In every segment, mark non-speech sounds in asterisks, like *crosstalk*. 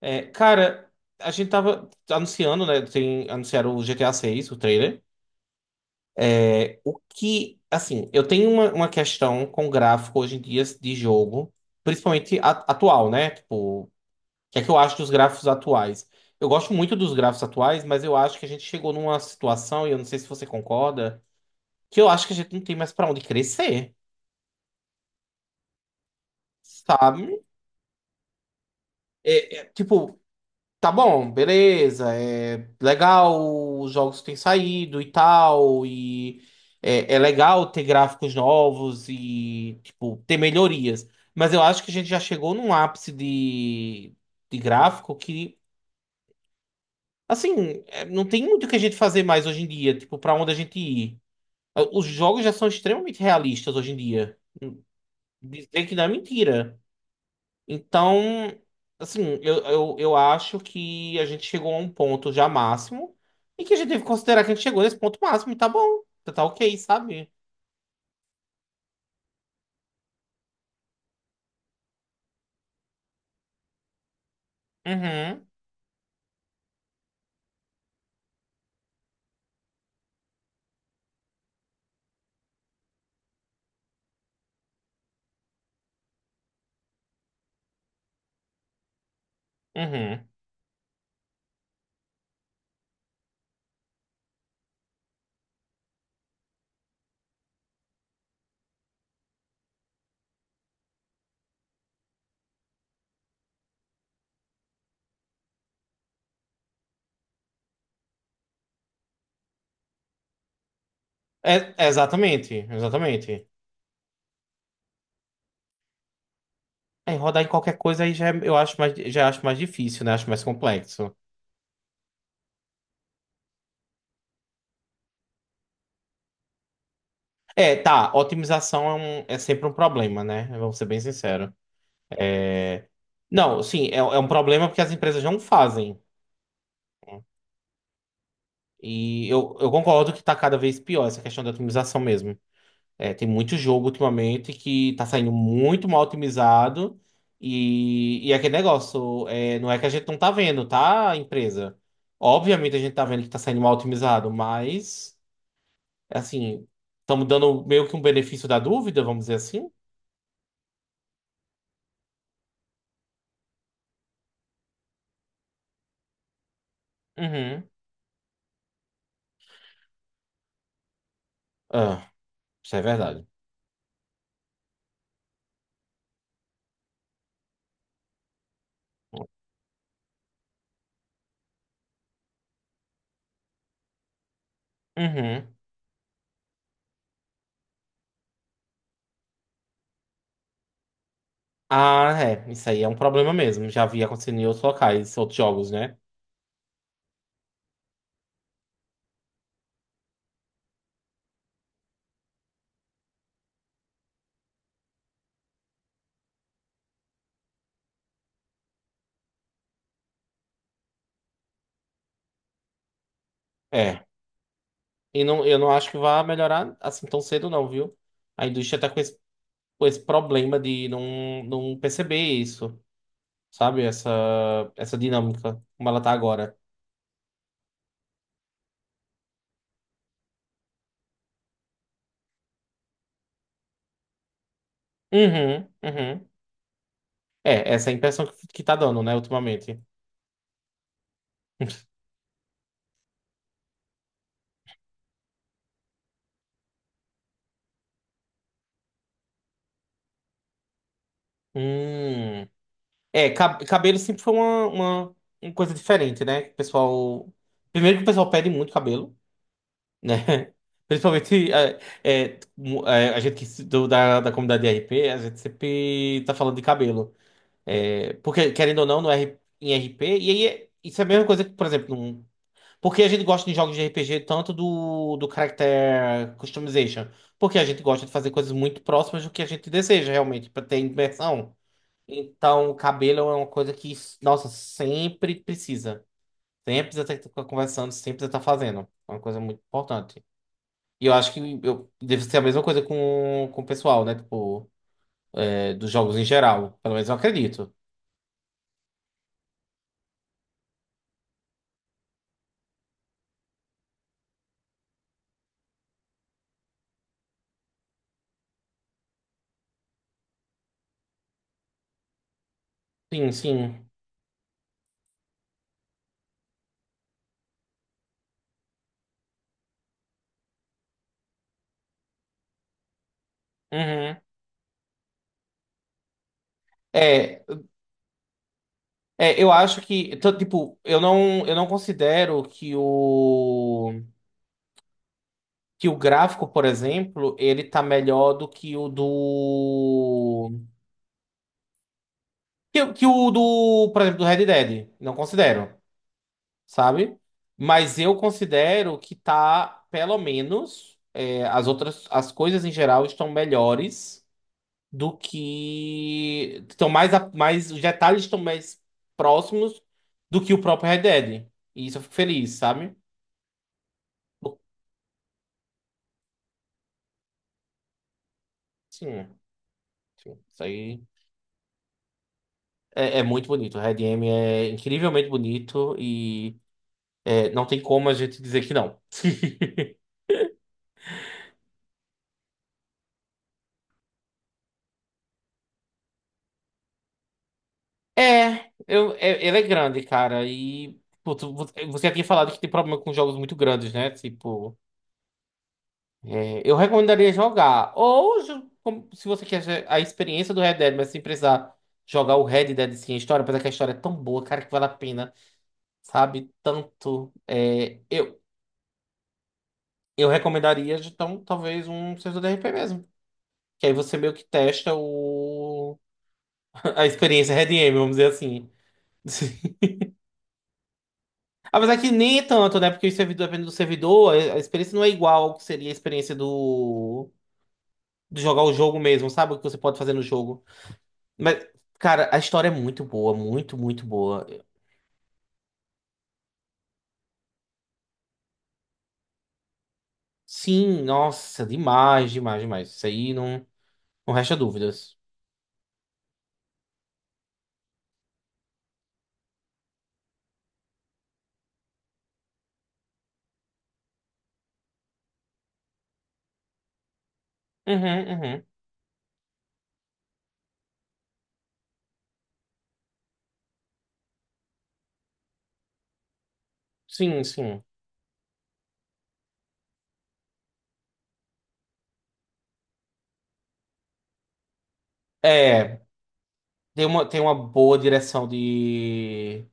É, cara, a gente tava anunciando, né? Anunciaram o GTA 6, o trailer. É, o que, assim, eu tenho uma questão com gráfico hoje em dia de jogo, principalmente atual, né? Tipo, o que é que eu acho dos gráficos atuais? Eu gosto muito dos gráficos atuais, mas eu acho que a gente chegou numa situação, e eu não sei se você concorda, que eu acho que a gente não tem mais pra onde crescer, sabe? Tipo, tá bom, beleza. É legal os jogos que têm saído e tal. E é legal ter gráficos novos e, tipo, ter melhorias. Mas eu acho que a gente já chegou num ápice de gráfico que, assim, é, não tem muito o que a gente fazer mais hoje em dia. Tipo, pra onde a gente ir. Os jogos já são extremamente realistas hoje em dia. Dizer que não é mentira. Então, assim, eu acho que a gente chegou a um ponto já máximo e que a gente deve considerar que a gente chegou nesse ponto máximo e tá bom, tá ok, sabe? Uhum, uhum. É, é exatamente, exatamente. Aí rodar em qualquer coisa aí já eu acho mais, já acho mais difícil, né? Acho mais complexo. É, tá, otimização é sempre um problema, né? Vamos ser bem sinceros. É, Não, sim, é um problema porque as empresas não fazem. E eu concordo que tá cada vez pior essa questão da otimização mesmo. É, tem muito jogo ultimamente que tá saindo muito mal otimizado. E é aquele negócio, é, não é que a gente não tá vendo, tá, empresa? Obviamente a gente tá vendo que tá saindo mal otimizado, mas, assim, estamos dando meio que um benefício da dúvida, vamos dizer assim. Uhum. Ah, isso é verdade. Uhum. Ah, é, isso aí é um problema mesmo. Já vi acontecendo em outros locais, outros jogos, né? É. E não, eu não acho que vá melhorar assim tão cedo, não, viu? A indústria tá com esse problema de não perceber isso, sabe? Essa dinâmica, como ela tá agora. Uhum, uhum. É, essa é a impressão que tá dando, né, ultimamente. *laughs* Hum. É, cabelo sempre foi uma coisa diferente, né? Que o pessoal. Primeiro que o pessoal pede muito cabelo, né? *laughs* Principalmente a gente que se- do- da, da comunidade de RP, a gente sempre tá falando de cabelo. É, porque, querendo ou não, no R, em R P e isso é a mesma coisa que, por exemplo, porque a gente gosta de jogos de R P G tanto do character customization, porque a gente gosta de fazer coisas muito próximas do que a gente deseja realmente, para ter imersão. Então, o cabelo é uma coisa que, nossa, sempre precisa. Sempre precisa estar conversando, sempre precisa estar fazendo. É uma coisa muito importante. E eu acho deve ser a mesma coisa com o pessoal, né? Tipo, é, dos jogos em geral. Pelo menos eu acredito. Sim, sim. Uhum. É, eu acho que, tô, tipo, eu não considero que o gráfico, por exemplo, ele tá melhor do que o por exemplo, do Red Dead. Não considero, sabe? Mas eu considero que tá, pelo menos, é, as outras, as coisas em geral estão melhores do que estão mais, mais, os detalhes estão mais próximos do que o próprio Red Dead. E isso eu fico feliz, sabe? Sim, sim. Isso aí é, é muito bonito. O Red M é incrivelmente bonito e é, não tem como a gente dizer que não. *laughs* É, eu, ele é grande, cara. E putz, você tinha falado que tem problema com jogos muito grandes, né? Tipo, é, eu recomendaria jogar. Ou se você quer a experiência do Red Dead, mas sem precisar jogar o Red Dead sem a história, apesar que a história é tão boa, cara, que vale a pena, sabe? Tanto. Eu recomendaria, então, talvez um servidor de RP mesmo. Que aí você meio que testa o... *laughs* a experiência Red M, vamos dizer assim. *laughs* Apesar que nem é tanto, né? Porque o servidor, dependendo do servidor, a experiência não é igual ao que seria a experiência do... de jogar o jogo mesmo, sabe? O que você pode fazer no jogo. Mas, cara, a história é muito boa, muito, muito boa. Sim, nossa, demais, demais, demais. Isso aí não, não resta dúvidas. Uhum, uhum. Sim, sim. É. Tem uma boa direção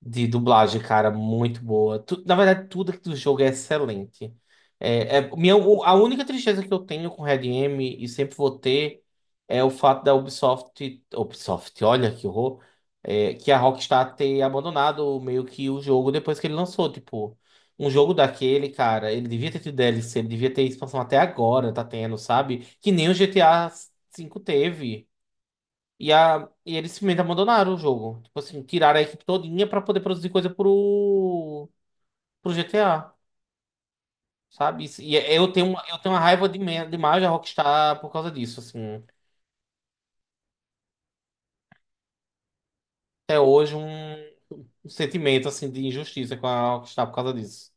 de dublagem, cara, muito boa. Na verdade, tudo aqui do jogo é excelente. A única tristeza que eu tenho com Red M, e sempre vou ter, é o fato da Ubisoft, Ubisoft, olha que horror, é, que a Rockstar ter abandonado meio que o jogo depois que ele lançou. Tipo, um jogo daquele, cara, ele devia ter tido DLC, ele devia ter expansão até agora, tá tendo, sabe? Que nem o GTA V teve. E eles simplesmente abandonaram o jogo. Tipo assim, tiraram a equipe todinha pra poder produzir coisa pro GTA, sabe? E eu tenho, eu tenho uma raiva demais da Rockstar por causa disso, assim. Até hoje um sentimento, assim, de injustiça com a Rockstar por causa disso.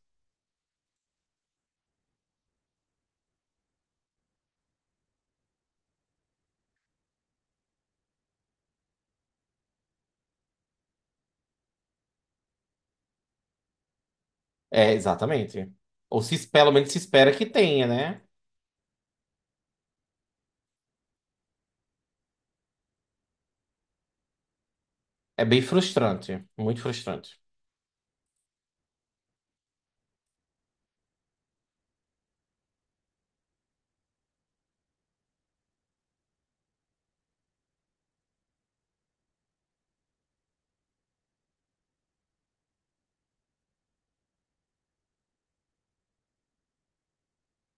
É, exatamente. Ou se, pelo menos se espera que tenha, né? É bem frustrante. Muito frustrante.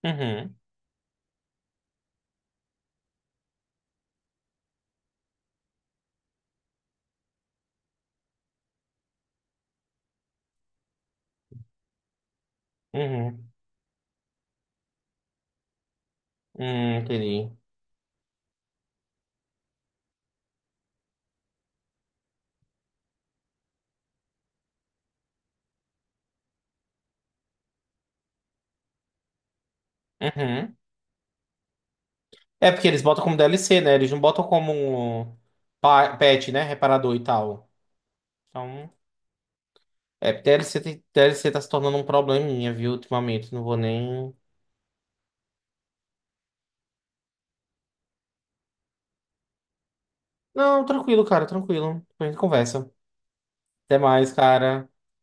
Uhum, uhum. Entendi. Uhum. É porque eles botam como DLC, né? Eles não botam como um patch, né? Reparador e tal. Então, é, DLC tá se tornando um probleminha, viu, ultimamente. Não vou nem. Não, tranquilo, cara, tranquilo. Depois a gente conversa. Até mais, cara.